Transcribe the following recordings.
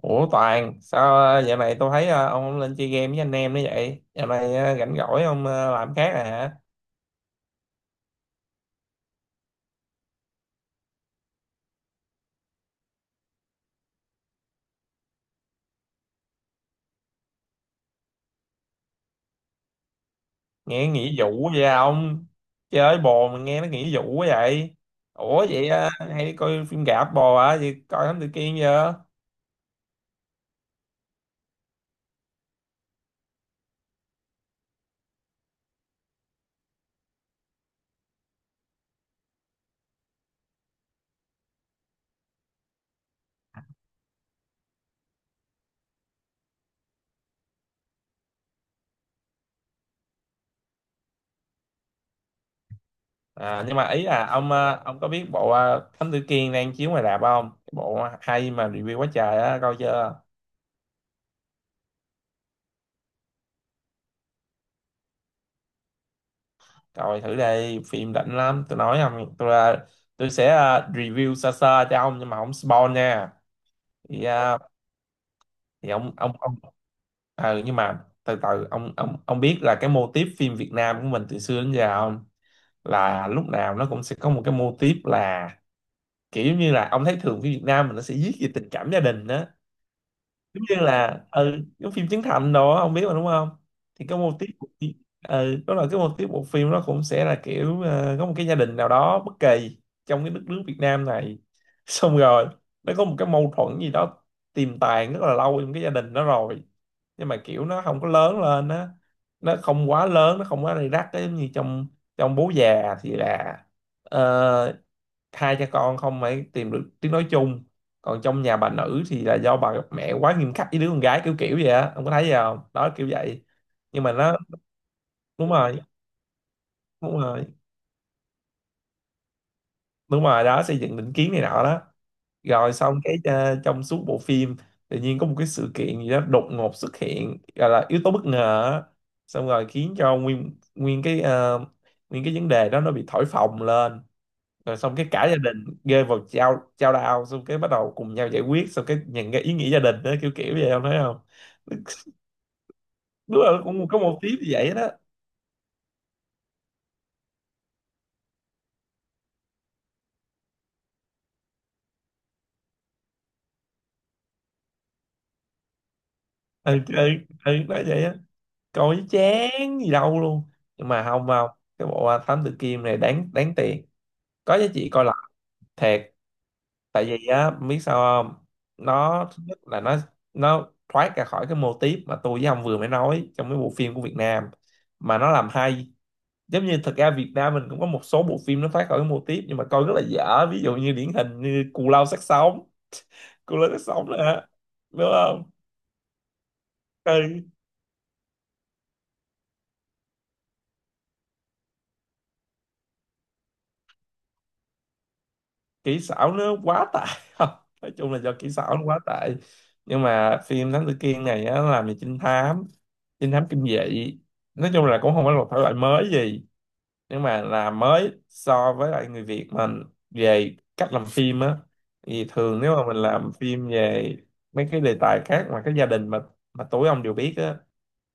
Ủa Toàn, sao này tôi thấy ông không lên chơi game với anh em nữa vậy? Dạo này rảnh rỗi ông làm khác à hả? Nghe nghỉ vụ vậy à ông? Chơi bồ mà nghe nó nghỉ vụ quá vậy? Ủa vậy hay đi coi phim rạp bồ hả? Vậy coi Thám Tử Kiên chưa? À, nhưng mà ý là ông có biết bộ Thám Tử Kiên đang chiếu ngoài rạp không? Cái bộ hay mà review quá trời á, coi chưa? Coi thử đây, phim đỉnh lắm, tôi nói không, tôi sẽ review sơ sơ cho ông nhưng mà không spoil nha. Thì, ờ, thì, ông nhưng mà từ từ ông biết là cái mô típ phim Việt Nam của mình từ xưa đến giờ không, là lúc nào nó cũng sẽ có một cái mô típ, là kiểu như là ông thấy thường phim Việt Nam mình nó sẽ viết về tình cảm gia đình đó, giống như là giống phim Trấn Thành đó ông biết mà đúng không. Thì cái mô típ của phim— đó là cái mô típ bộ phim nó cũng sẽ là kiểu có một cái gia đình nào đó bất kỳ trong cái đất nước Việt Nam này, xong rồi nó có một cái mâu thuẫn gì đó tiềm tàng rất là lâu trong cái gia đình đó rồi, nhưng mà kiểu nó không có lớn lên á, nó không quá lớn, nó không quá rầy rắc á, giống như trong trong bố già thì là ờ, hai cha con không phải tìm được tiếng nói chung, còn trong nhà bà nữ thì là do bà mẹ quá nghiêm khắc với đứa con gái kiểu kiểu vậy á, ông có thấy gì không đó kiểu vậy. Nhưng mà nó đúng rồi. Đúng rồi. Đúng rồi đó, xây dựng định kiến này nọ đó. Rồi xong cái trong suốt bộ phim tự nhiên có một cái sự kiện gì đó đột ngột xuất hiện gọi là yếu tố bất ngờ á. Xong rồi khiến cho nguyên nguyên cái ờ, nguyên cái vấn đề đó nó bị thổi phồng lên, rồi xong cái cả gia đình rơi vào chao chao đao xong cái bắt đầu cùng nhau giải quyết, xong cái nhận cái ý nghĩa gia đình đó kiểu kiểu vậy, không thấy không? Đúng là cũng có một tiếp như vậy đó. Ừ, ừ, ừ, nó vậy á. Coi chứ chán gì đâu luôn. Nhưng mà không không, cái bộ à, Thám Tử Kiên này đáng đáng tiền, có giá trị coi lại thiệt. Tại vì á biết sao không, nó thứ nhất là nó thoát ra khỏi cái mô típ mà tôi với ông vừa mới nói trong cái bộ phim của Việt Nam mà nó làm hay. Giống như thật ra Việt Nam mình cũng có một số bộ phim nó thoát khỏi cái mô típ nhưng mà coi rất là dở, ví dụ như điển hình như Cù Lao Xác Sống. Cù Lao Xác Sống là đúng không, ừ, kỹ xảo nó quá tệ. Nói chung là do kỹ xảo nó quá tệ. Nhưng mà phim Thám Tử Kiên này á, nó làm về trinh thám, trinh thám kinh dị. Nói chung là cũng không phải là một thể loại mới gì, nhưng mà làm mới so với lại người Việt mình về cách làm phim á. Thì thường nếu mà mình làm phim về mấy cái đề tài khác mà cái gia đình, mà tối ông đều biết á,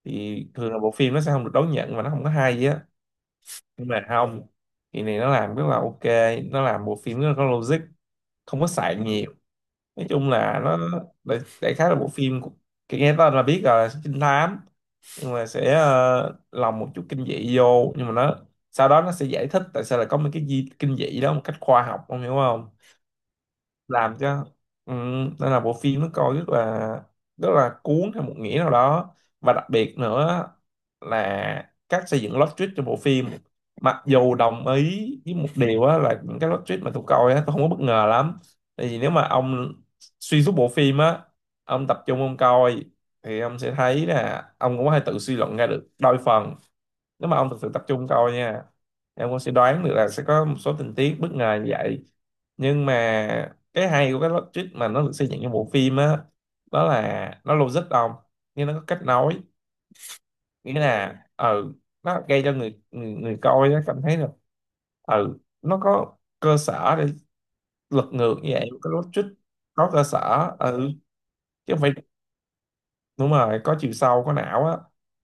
thì thường là bộ phim nó sẽ không được đón nhận và nó không có hay á. Nhưng mà không, thì này nó làm rất là ok, nó làm bộ phim rất là có logic, không có xài nhiều. Nói chung là nó đại khái là bộ phim của— nghe tên là biết rồi, là trinh thám, nhưng mà sẽ lồng một chút kinh dị vô, nhưng mà nó sau đó nó sẽ giải thích tại sao lại có mấy cái di kinh dị đó một cách khoa học, ông hiểu không? Làm cho ừ, nên là bộ phim nó coi rất là, rất là cuốn theo một nghĩa nào đó. Và đặc biệt nữa là cách xây dựng plot twist cho bộ phim. Mặc dù đồng ý với một điều á, là những cái plot twist mà tôi coi á, tôi không có bất ngờ lắm, tại vì nếu mà ông xuyên suốt bộ phim á, ông tập trung ông coi, thì ông sẽ thấy là ông cũng có thể tự suy luận ra được đôi phần, nếu mà ông thực sự tập trung coi nha. Em cũng sẽ đoán được là sẽ có một số tình tiết bất ngờ như vậy. Nhưng mà cái hay của cái logic mà nó được xây dựng trong bộ phim á, đó là nó logic ông, nhưng nó có cách nói, nghĩa là nó gây cho người người, người coi nó cảm thấy là nó có cơ sở để lật ngược như vậy cái logic, có cơ sở chứ không phải, đúng rồi, có chiều sâu, có não á.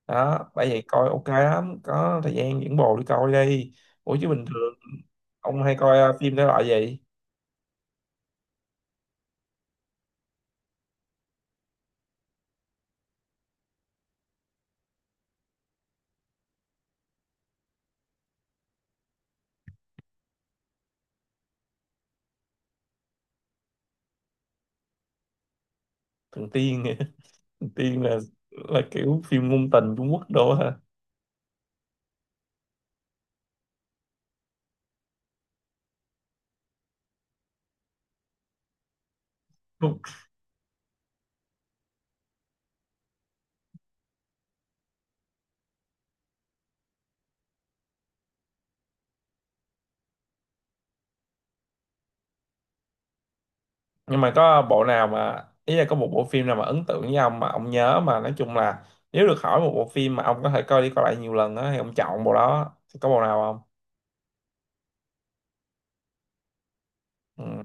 Đó bởi vậy coi ok lắm, có thời gian dẫn bồ đi coi đi. Ủa chứ bình thường ông hay coi phim thể loại gì? Thần tiên hả? Thần tiên là kiểu phim ngôn tình Trung Quốc đồ hả? Không. Nhưng mà có bộ nào mà ý là có một bộ phim nào mà ấn tượng với ông mà ông nhớ, mà nói chung là nếu được hỏi một bộ phim mà ông có thể coi đi coi lại nhiều lần á, thì ông chọn bộ đó, thì có bộ nào không? Ừ.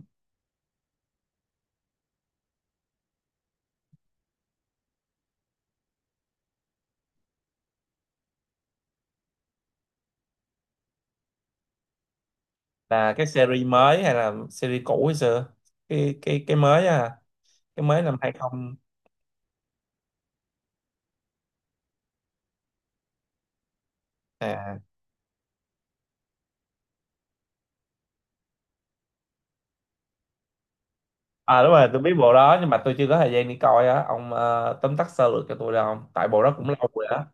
Là cái series mới hay là series cũ hay xưa? Cái mới á? Cái mới năm 2000? À, à, đúng rồi tôi biết bộ đó nhưng mà tôi chưa có thời gian đi coi á. Ông tóm tắt sơ lược cho tôi được không, tại bộ đó cũng lâu rồi á.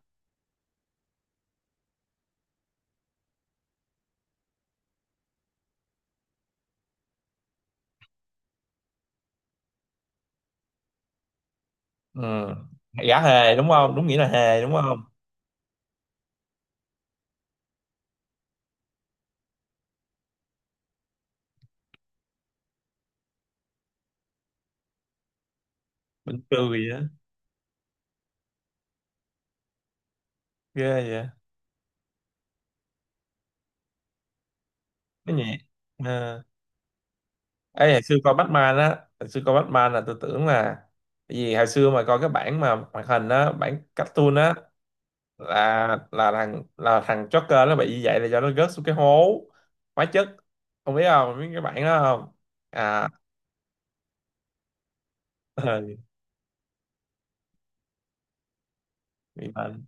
Ừ. Gã hề đúng không, đúng nghĩa là hề đúng không? Mình cười vậy á? Ghê vậy. Cái nhẹ. À. Ấy hồi xưa coi Batman á, hồi xưa coi Batman là tôi tưởng là, tại vì hồi xưa mà coi cái bản mà hoạt hình á, bản cartoon á, là thằng Joker nó bị như vậy là do nó rớt xuống cái hố hóa chất, không biết cái bản đó không. À. Ừ. Bị bệnh.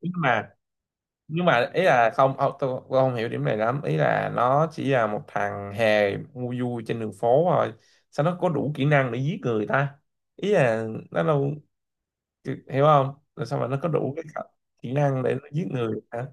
Nhưng mà nhưng mà ý là không tôi không hiểu điểm này lắm, ý là nó chỉ là một thằng hề ngu vui trên đường phố thôi, sao nó có đủ kỹ năng để giết người ta? Ý là nó đâu, hiểu không, rồi sao mà nó có đủ cái khả— kỹ năng để nó giết người hả?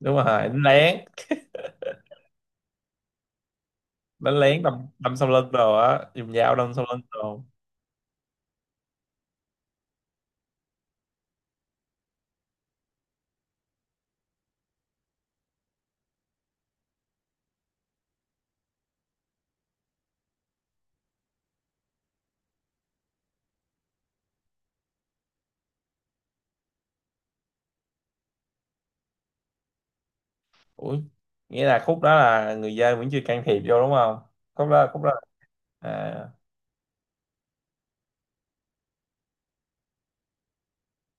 Đúng rồi đánh lén, đánh lén đâm đâm sau lưng rồi á, dùng dao đâm sau lưng rồi. Ủi, nghĩa là khúc đó là người dân vẫn chưa can thiệp vô đúng không? Khúc đó, khúc đó. À,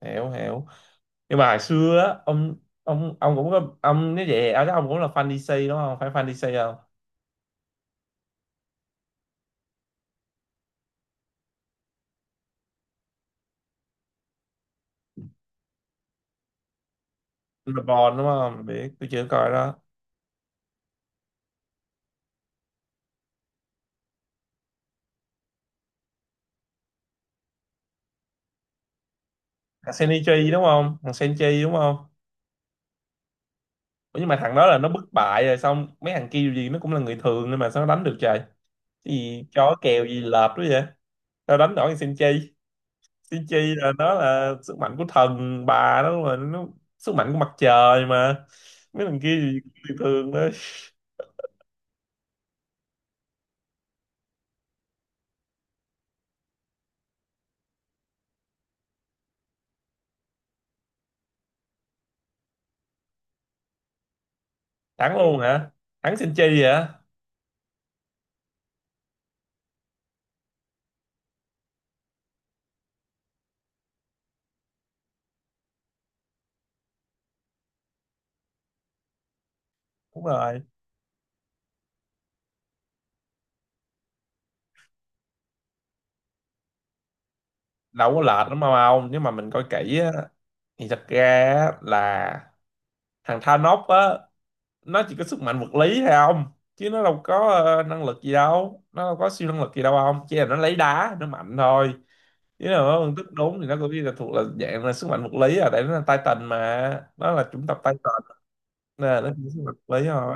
hiểu hiểu. Nhưng mà hồi xưa á, ông ông cũng có ông, nếu vậy ở chắc ông cũng là fan DC đúng không, phải fan DC không? LeBron đúng không, biết tôi chưa coi đó. Thằng Shinichi đúng không, thằng Senchi đúng không? Ủa, nhưng mà thằng đó là nó bất bại rồi, xong mấy thằng kia dù gì nó cũng là người thường nhưng mà sao nó đánh được trời? Cái gì chó kèo gì lợp đó vậy, sao đánh nổi thằng Senchi? Senchi là nó là sức mạnh của thần bà đó mà, nó sức mạnh của mặt trời mà. Mấy thằng kia gì cũng người thường đó. Thắng luôn hả? Thắng Senchi hả? Đúng rồi đâu có lệch lắm mà không, nếu mà mình coi kỹ á, thì thật ra á, là thằng Thanos á, nó chỉ có sức mạnh vật lý thôi không, chứ nó đâu có năng lực gì đâu, nó đâu có siêu năng lực gì đâu, không chỉ là nó lấy đá nó mạnh thôi. Chứ là nó phân tích đúng thì nó cũng chỉ là thuộc là dạng là sức mạnh vật lý à, tại nó là Titan mà, nó là chủng tộc Titan, nên là nó chỉ có sức mạnh vật lý thôi.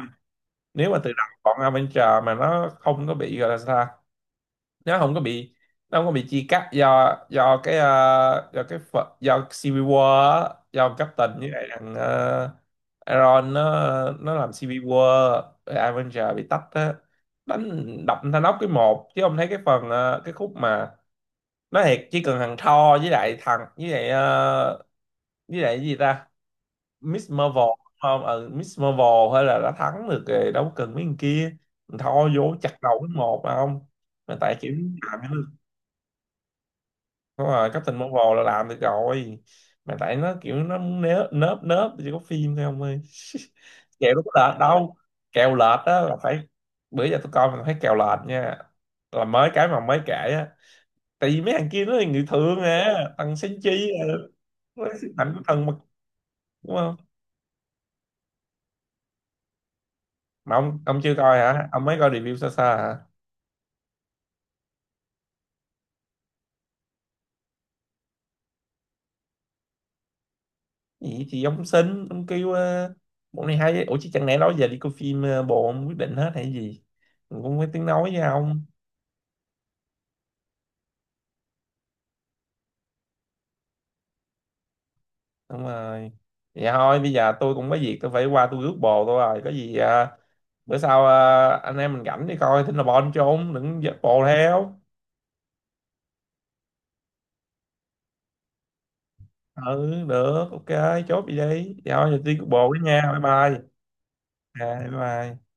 Nếu mà từ đầu bọn Avenger mà nó không có bị gọi là sao ta? nó không có bị nó không có bị chia cắt, do do cái ờ, do cái ph- do Civil War á, do Captain với lại thằng Iron, nó làm Civil War rồi Avenger bị tách á, đánh đập Thanos cái một chứ không thấy cái phần cái khúc mà, nói thiệt chỉ cần thằng Thor với lại thằng với lại ờ, với lại cái gì ta, Miss Marvel, không Miss Marvel hay là đã thắng được rồi, đâu cần mấy thằng kia, thằng Thor vô chặt đầu cái một mà không. Mà tại kiểu làm. Đúng rồi, Captain Marvel là làm được rồi. Mà tại nó kiểu nó muốn nớ— nớp nớp chỉ có phim thôi ông ơi. Kèo đâu có lệch đâu. Kèo lệch á là phải, bữa giờ tôi coi mình thấy kèo lệch nha. Là mới cái mà mới kể á. Tại vì mấy thằng kia nó là người thường à, thằng Senchi à, nó là sức mạnh của thần mà, đúng không? Mà ông chưa coi hả? Ông mới coi review sơ sơ hả? Gì thì ông xin, ông kêu bộ này hay. Ủa chứ chẳng lẽ đó giờ đi coi phim bộ ông quyết định hết hay gì? Mình cũng không có tiếng nói với ông. Đúng rồi, vậy thôi bây giờ tôi cũng có việc, tôi phải qua tôi rước bồ tôi rồi, có gì à, bữa sau à, anh em mình rảnh đi coi, thỉnh là bon trốn đừng dắt bồ theo. Ừ, được, ok. Chốt vậy đi, vậy thôi giờ tôi rước bồ với nha, bye bye. À, bye bye.